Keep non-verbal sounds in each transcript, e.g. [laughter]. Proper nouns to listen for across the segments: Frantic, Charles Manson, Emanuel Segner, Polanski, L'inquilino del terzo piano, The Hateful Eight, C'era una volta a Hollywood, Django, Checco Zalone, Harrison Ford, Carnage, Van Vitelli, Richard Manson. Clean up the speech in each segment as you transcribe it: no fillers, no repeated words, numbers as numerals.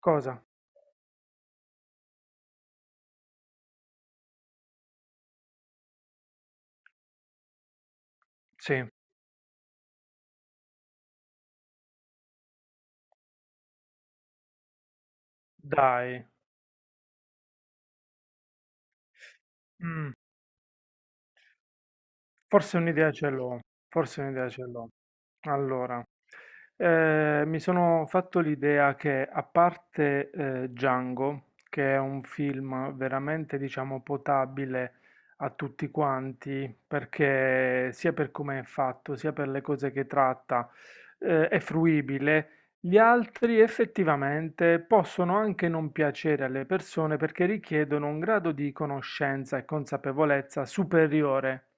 Cosa? Sì, dai. Mh, forse un'idea ce l'ho, forse un'idea ce l'ho. Allora, mi sono fatto l'idea che a parte, Django, che è un film veramente, diciamo, potabile a tutti quanti, perché sia per come è fatto, sia per le cose che tratta, è fruibile, gli altri effettivamente possono anche non piacere alle persone perché richiedono un grado di conoscenza e consapevolezza superiore.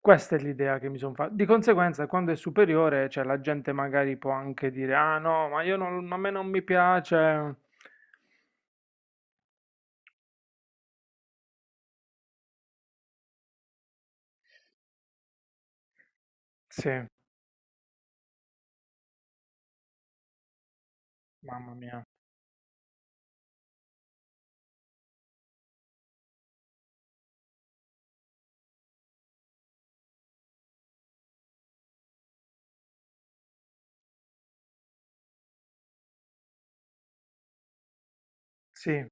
Questa è l'idea che mi sono fatta. Di conseguenza, quando è superiore, cioè, la gente magari può anche dire: Ah no, ma io non, a me non mi piace. Sì, mamma mia. Sì,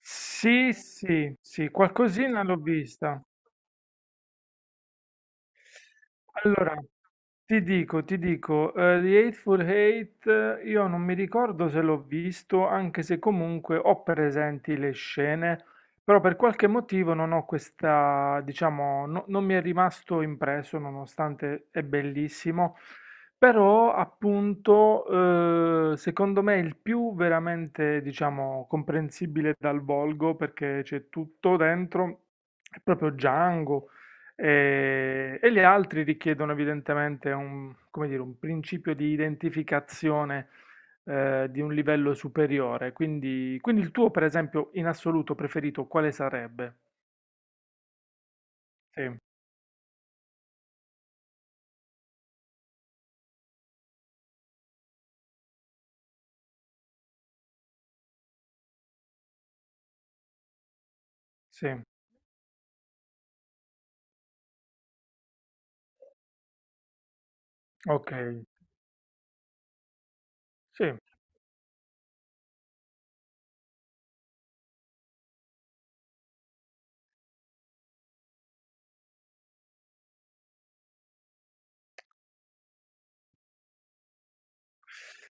sì, sì, sì, qualcosina l'ho vista. Allora, ti dico, The Hateful Eight, io non mi ricordo se l'ho visto, anche se comunque ho presenti le scene, però per qualche motivo non ho questa, diciamo, non mi è rimasto impresso, nonostante è bellissimo, però appunto, secondo me è il più veramente, diciamo, comprensibile dal volgo, perché c'è tutto dentro, è proprio Django. E gli altri richiedono evidentemente un, come dire, un principio di identificazione, di un livello superiore. Quindi, quindi il tuo, per esempio, in assoluto preferito, quale sarebbe? Sì, sì, ok, sì.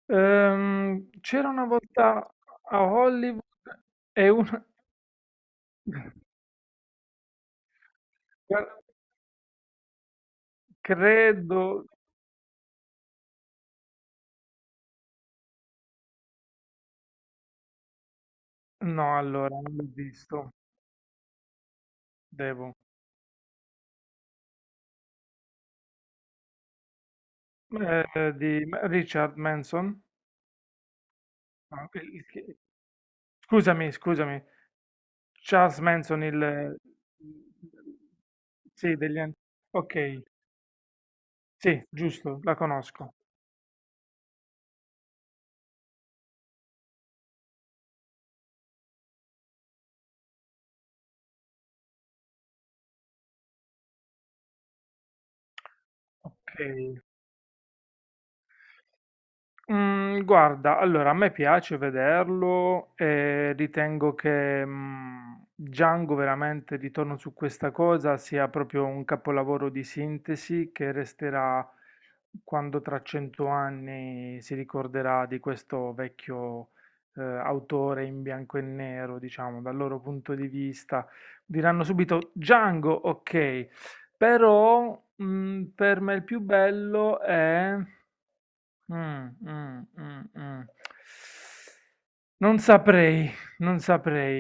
C'era una volta a Hollywood e una... [laughs] Guarda, credo... No, allora, non l'ho visto. Devo. Di Richard Manson. Ah, ok, il che scusami, scusami, Charles Manson il sì, degli an okay, sì, giusto, la conosco. Okay. Guarda, allora a me piace vederlo e ritengo che Django veramente, ritorno su questa cosa, sia proprio un capolavoro di sintesi che resterà quando tra 100 anni si ricorderà di questo vecchio, autore in bianco e nero, diciamo, dal loro punto di vista. Diranno subito Django, ok, però per me il più bello è... mh. Non saprei, non saprei.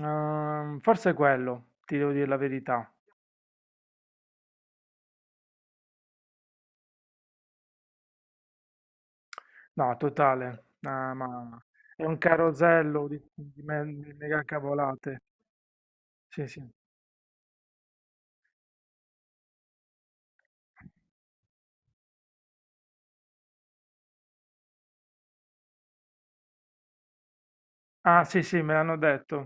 Forse è quello, ti devo dire la verità. No, totale. Ah, ma è un carosello di me di mega cavolate. Sì, sì. Ah, sì, sì, me l'hanno detto.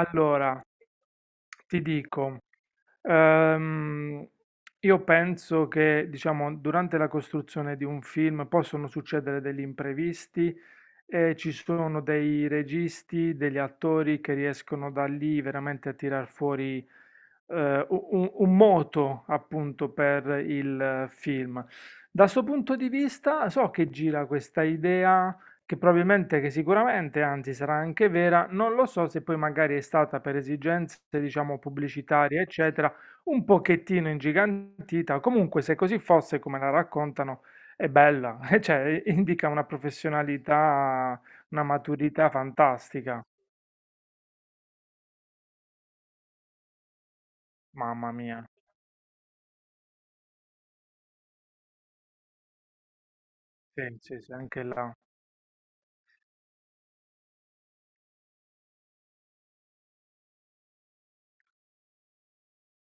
Allora, ti dico, Ehm, io penso che, diciamo, durante la costruzione di un film possono succedere degli imprevisti e ci sono dei registi, degli attori che riescono da lì veramente a tirar fuori, un moto appunto per il film. Da questo punto di vista, so che gira questa idea che probabilmente, che sicuramente, anzi sarà anche vera, non lo so se poi magari è stata per esigenze, diciamo, pubblicitarie, eccetera, un pochettino ingigantita, comunque se così fosse come la raccontano, è bella, [laughs] cioè indica una professionalità, una maturità fantastica, mamma mia, sì, sì, sì, anche là.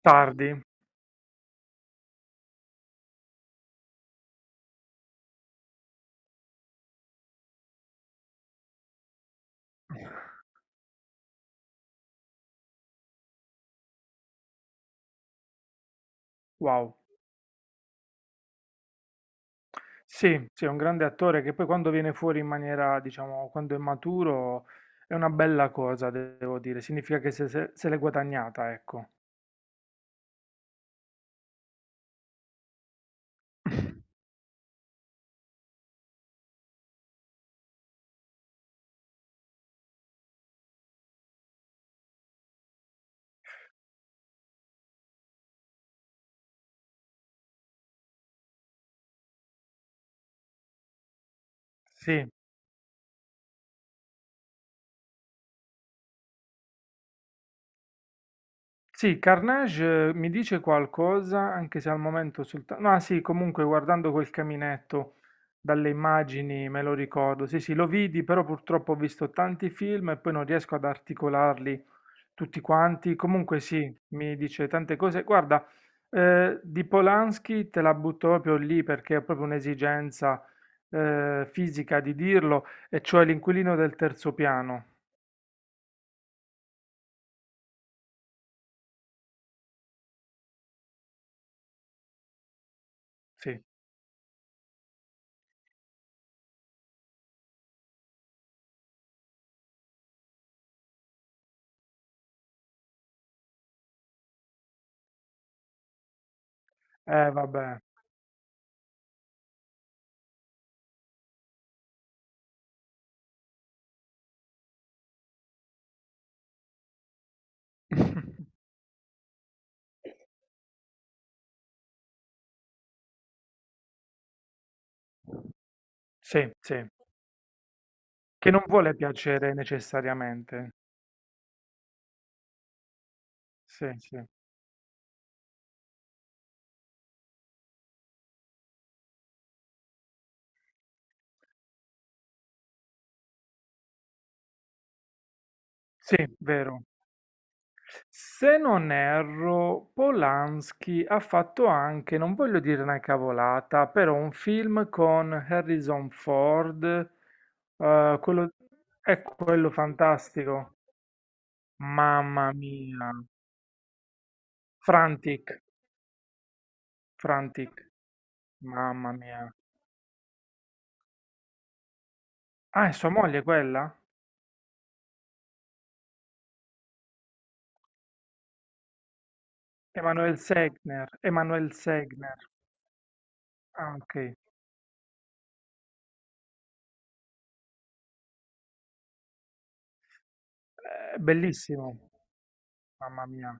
Tardi, wow. Sì, sì, è un grande attore che poi quando viene fuori in maniera, diciamo, quando è maturo, è una bella cosa, devo dire, significa che se, se se l'è guadagnata, ecco. [laughs] Sì, sì, Carnage, mi dice qualcosa, anche se al momento soltanto... No, ah, sì, comunque guardando quel caminetto dalle immagini me lo ricordo. Sì, sì, lo vidi, però purtroppo ho visto tanti film e poi non riesco ad articolarli tutti quanti. Comunque sì, mi dice tante cose. Guarda, di Polanski te la butto proprio lì perché è proprio un'esigenza, fisica di dirlo, e cioè l'inquilino del terzo piano. Sì, vabbè. [laughs] Sì, sì. Che non vuole piacere necessariamente. Sì, sì. Sì, vero. Se non erro, Polanski ha fatto anche, non voglio dire una cavolata, però un film con Harrison Ford, quello, è quello fantastico. Mamma mia. Frantic, Frantic. Mamma mia. Ah, è sua moglie quella? Emanuel Segner. Emanuel Segner. Ah, ok. Bellissimo. Mamma mia.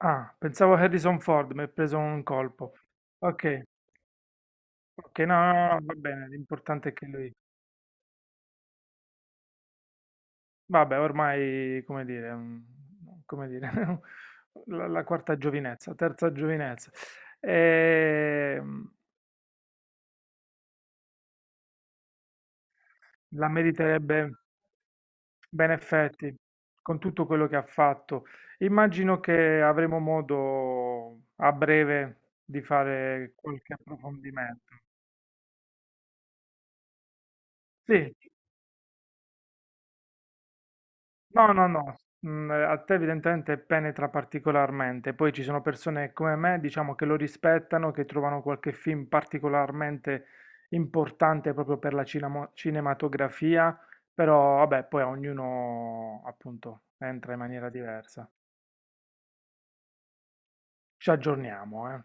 Ah, pensavo Harrison Ford, mi ha preso un colpo. Ok, ok, no, no, no, va bene, l'importante è che lui... Vabbè, ormai, come dire, come dire, [laughs] la quarta giovinezza, terza giovinezza. Ehm, la meriterebbe... Ben effetti, con tutto quello che ha fatto. Immagino che avremo modo a breve di fare qualche approfondimento. Sì, no, no, no, a te evidentemente penetra particolarmente, poi ci sono persone come me, diciamo, che lo rispettano, che trovano qualche film particolarmente importante proprio per la cinematografia, però vabbè, poi a ognuno appunto entra in maniera diversa. Ci aggiorniamo, eh.